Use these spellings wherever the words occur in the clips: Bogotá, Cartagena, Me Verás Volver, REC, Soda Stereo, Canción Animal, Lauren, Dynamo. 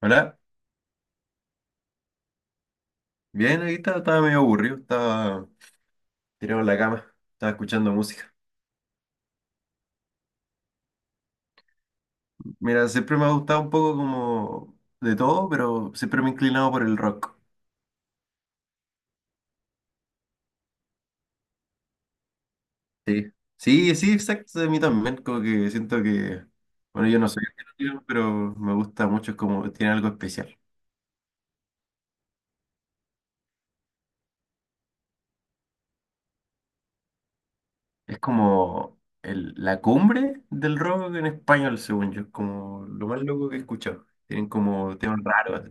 Hola, bien, aquí estaba medio aburrido, estaba tirado en la cama, estaba escuchando música. Mira, siempre me ha gustado un poco como de todo, pero siempre me he inclinado por el rock. Sí, sí, sí, exacto, de mí también, como que siento que, bueno, yo no soy argentino, pero me gusta mucho, es como, tiene algo especial. Es como la cumbre del rock en español, según yo, es como lo más loco que he escuchado. Tienen como temas raros.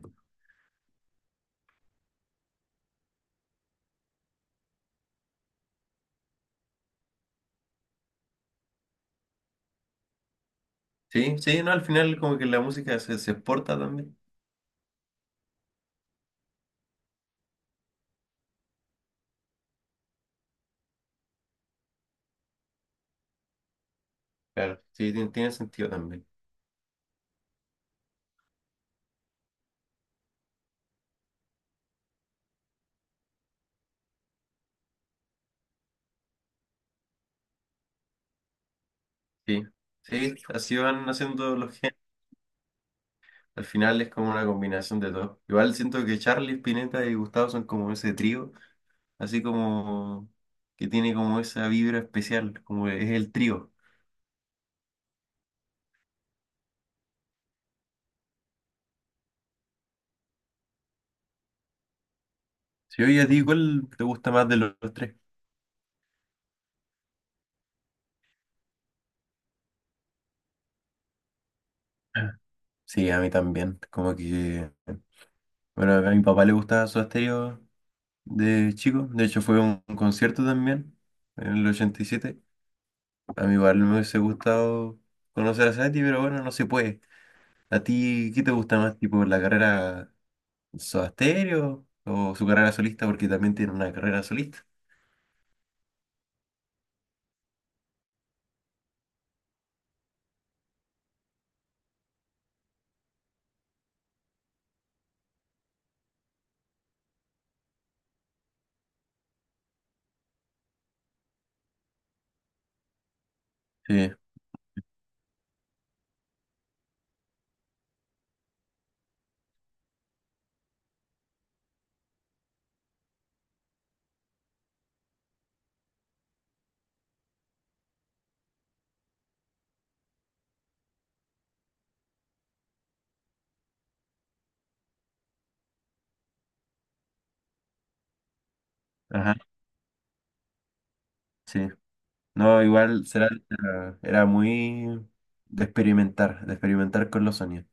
Sí, sí, no, al final como que la música se, se exporta también. Claro, sí, tiene sentido también. Sí, sí, así van haciendo los genes. Al final es como una combinación de todo. Igual siento que Charlie, Spinetta y Gustavo son como ese trío, así como que tiene como esa vibra especial, como es el trío. Si oye, a ti, ¿cuál te gusta más de los tres? Ah. Sí, a mí también. Como que, bueno, a mi papá le gustaba su Stereo de chico. De hecho, fue a un concierto también en el 87. A mí igual me hubiese gustado conocer a Sati, pero bueno, no se puede. ¿A ti qué te gusta más, tipo la carrera Soda Stereo o su carrera solista? Porque también tiene una carrera solista. Sí, ajá, sí. No, igual será, era muy de experimentar con los sonidos.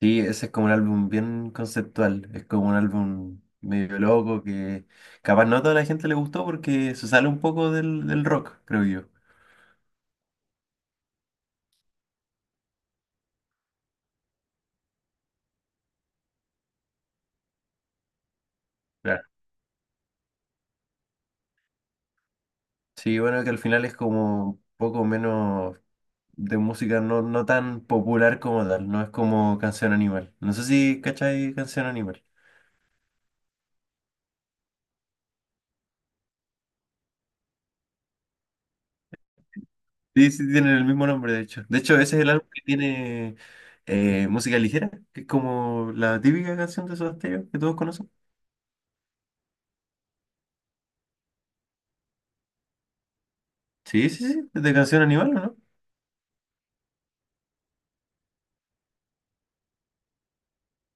Sí, ese es como un álbum bien conceptual, es como un álbum medio loco que capaz no a toda la gente le gustó porque se sale un poco del rock, creo yo. Sí, bueno, que al final es como un poco menos de música no, no tan popular como tal, no es como Canción Animal. No sé si cachai Canción Animal. Sí, sí, tienen el mismo nombre, de hecho. De hecho, ese es el álbum que tiene música ligera, que es como la típica canción de Soda Stereo que todos conocen. Sí, sí, sí, es de Canción Animal, ¿o no?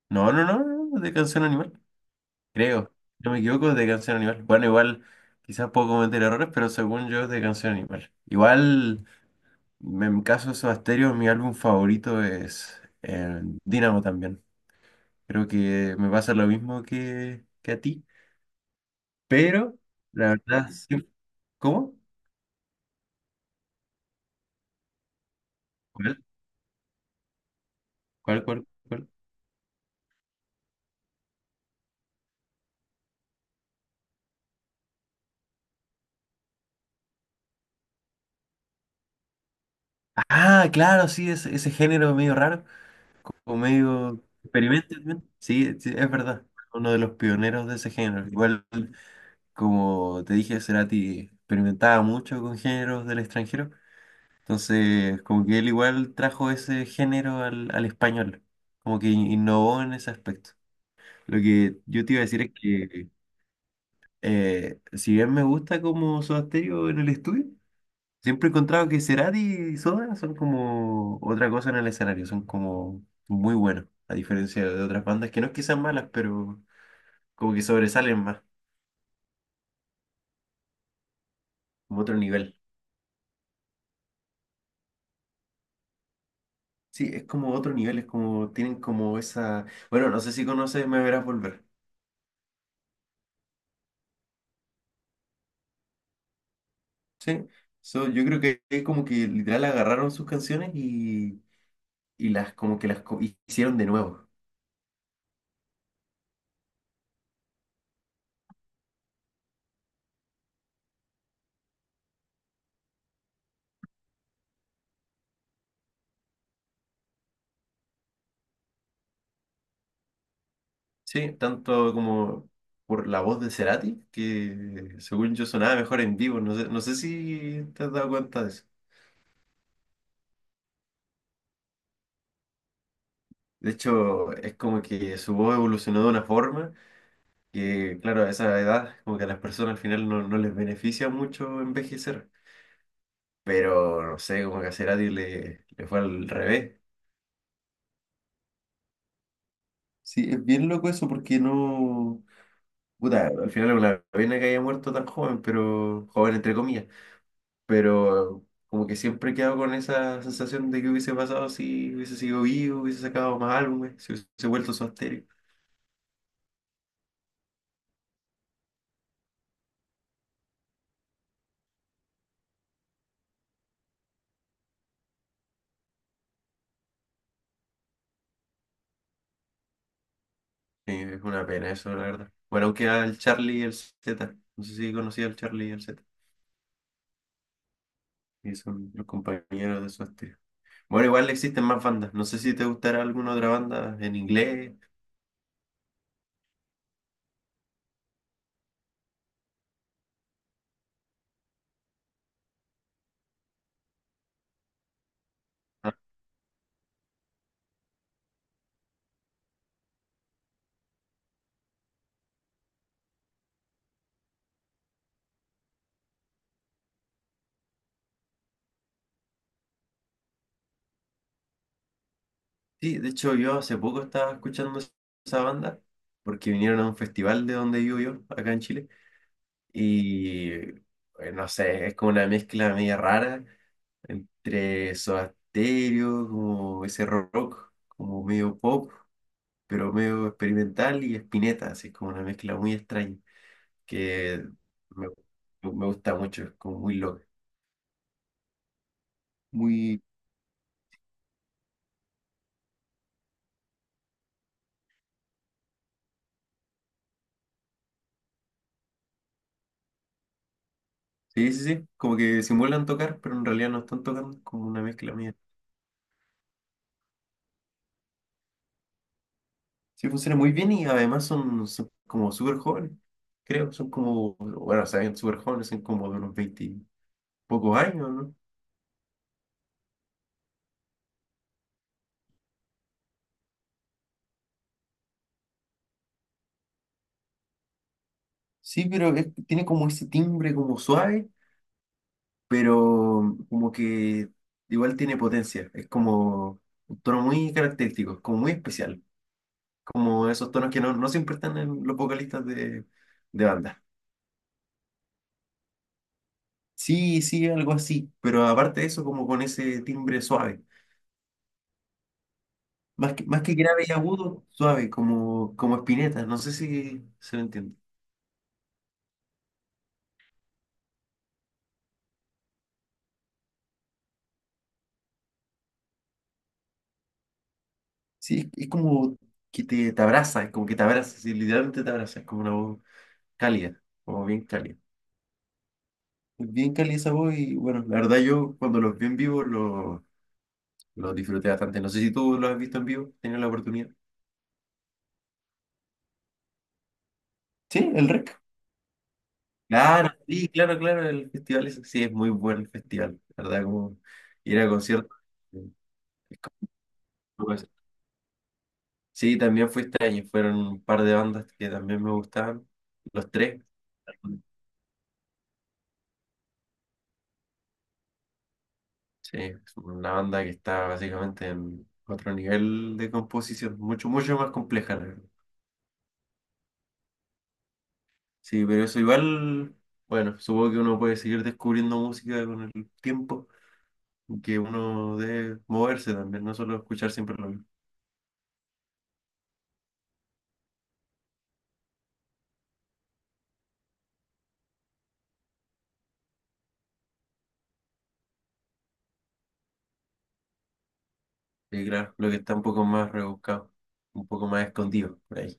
No, no, no, no, no, es de Canción Animal, creo. Si no me equivoco, es de Canción Animal. Bueno, igual, quizás puedo cometer errores, pero según yo es de Canción Animal. Igual. En caso de Soda Stereo, mi álbum favorito es Dynamo también. Creo que me pasa lo mismo que a ti, pero la verdad, sí- ¿Cómo? ¿Cuál? ¿Cuál? ¿Cuál? ¿Cuál? Ah, claro, sí, ese género medio raro o medio experimental, ¿no? Sí, sí, es verdad. Uno de los pioneros de ese género. Igual, como te dije, Cerati experimentaba mucho con géneros del extranjero. Entonces, como que él igual trajo ese género al español, como que innovó en ese aspecto. Lo que yo te iba a decir es que, si bien me gusta como Soda Stereo en el estudio, siempre he encontrado que Cerati y Soda son como otra cosa en el escenario, son como muy buenos, a diferencia de otras bandas que no es que sean malas, pero como que sobresalen más, como otro nivel. Sí, es como otro nivel, tienen como esa, bueno, no sé si conoces Me Verás Volver. Sí, so, yo creo que es como que literal agarraron sus canciones y las como que las hicieron de nuevo. Sí, tanto como por la voz de Cerati, que según yo sonaba mejor en vivo, no sé, no sé si te has dado cuenta de eso. De hecho, es como que su voz evolucionó de una forma que, claro, a esa edad, como que a las personas al final no, no les beneficia mucho envejecer. Pero, no sé, como que a Cerati le fue al revés. Sí, es bien loco eso porque no. Puta, al final es una pena que haya muerto tan joven, pero joven entre comillas, pero como que siempre he quedado con esa sensación de que hubiese pasado si hubiese sido vivo, hubiese sacado más álbumes, si hubiese vuelto su estéreo. Sí, es una pena eso, la verdad. Bueno, aunque al Charlie y el Z, no sé si conocía al Charlie y el Z, y son los compañeros de su estéreo. Bueno, igual existen más bandas, no sé si te gustará alguna otra banda en inglés. Sí, de hecho yo hace poco estaba escuchando esa banda porque vinieron a un festival de donde vivo yo, acá en Chile, y no sé, es como una mezcla media rara entre Soda Stereo, como ese rock, como medio pop, pero medio experimental y Spinetta, así es como una mezcla muy extraña que me, me gusta mucho, es como muy loca, muy. Sí, sí, sí, como que simulan tocar, pero en realidad no están tocando, es como una mezcla media. Sí, funciona muy bien y además son como súper jóvenes, creo. Son como, bueno, saben, súper jóvenes, son como de unos 20 y pocos años, ¿no? Sí, pero tiene como ese timbre como suave, pero como que igual tiene potencia. Es como un tono muy característico, es como muy especial. Como esos tonos que no, no siempre están en los vocalistas de banda. Sí, sí, algo así, pero aparte de eso, como con ese timbre suave. Más que grave y agudo, suave, como Spinetta. No sé si se lo entiende. Sí, es como que te abraza, es como que te abraza, sí, literalmente te abraza, es como una voz cálida, como bien cálida. Es bien cálida esa voz y bueno, la verdad yo cuando los vi en vivo los disfruté bastante. No sé si tú los has visto en vivo, tenido la oportunidad. Sí, el REC. Claro, sí, claro, claro, el festival es, sí, es muy buen el festival, la verdad. Como ir a conciertos. Sí, también fui este año, fueron un par de bandas que también me gustaban, los tres. Sí, es una banda que está básicamente en otro nivel de composición, mucho, mucho más compleja, la verdad. Sí, pero eso igual, bueno, supongo que uno puede seguir descubriendo música con el tiempo, y que uno debe moverse también, no solo escuchar siempre lo mismo. Y claro, lo que está un poco más rebuscado, un poco más escondido por ahí.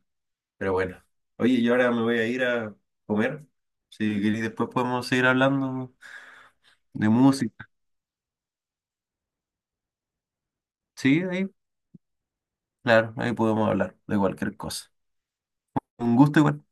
Pero bueno, oye, yo ahora me voy a ir a comer, si queréis después podemos seguir hablando de música. Sí, ahí, claro, ahí podemos hablar de cualquier cosa. Un gusto igual.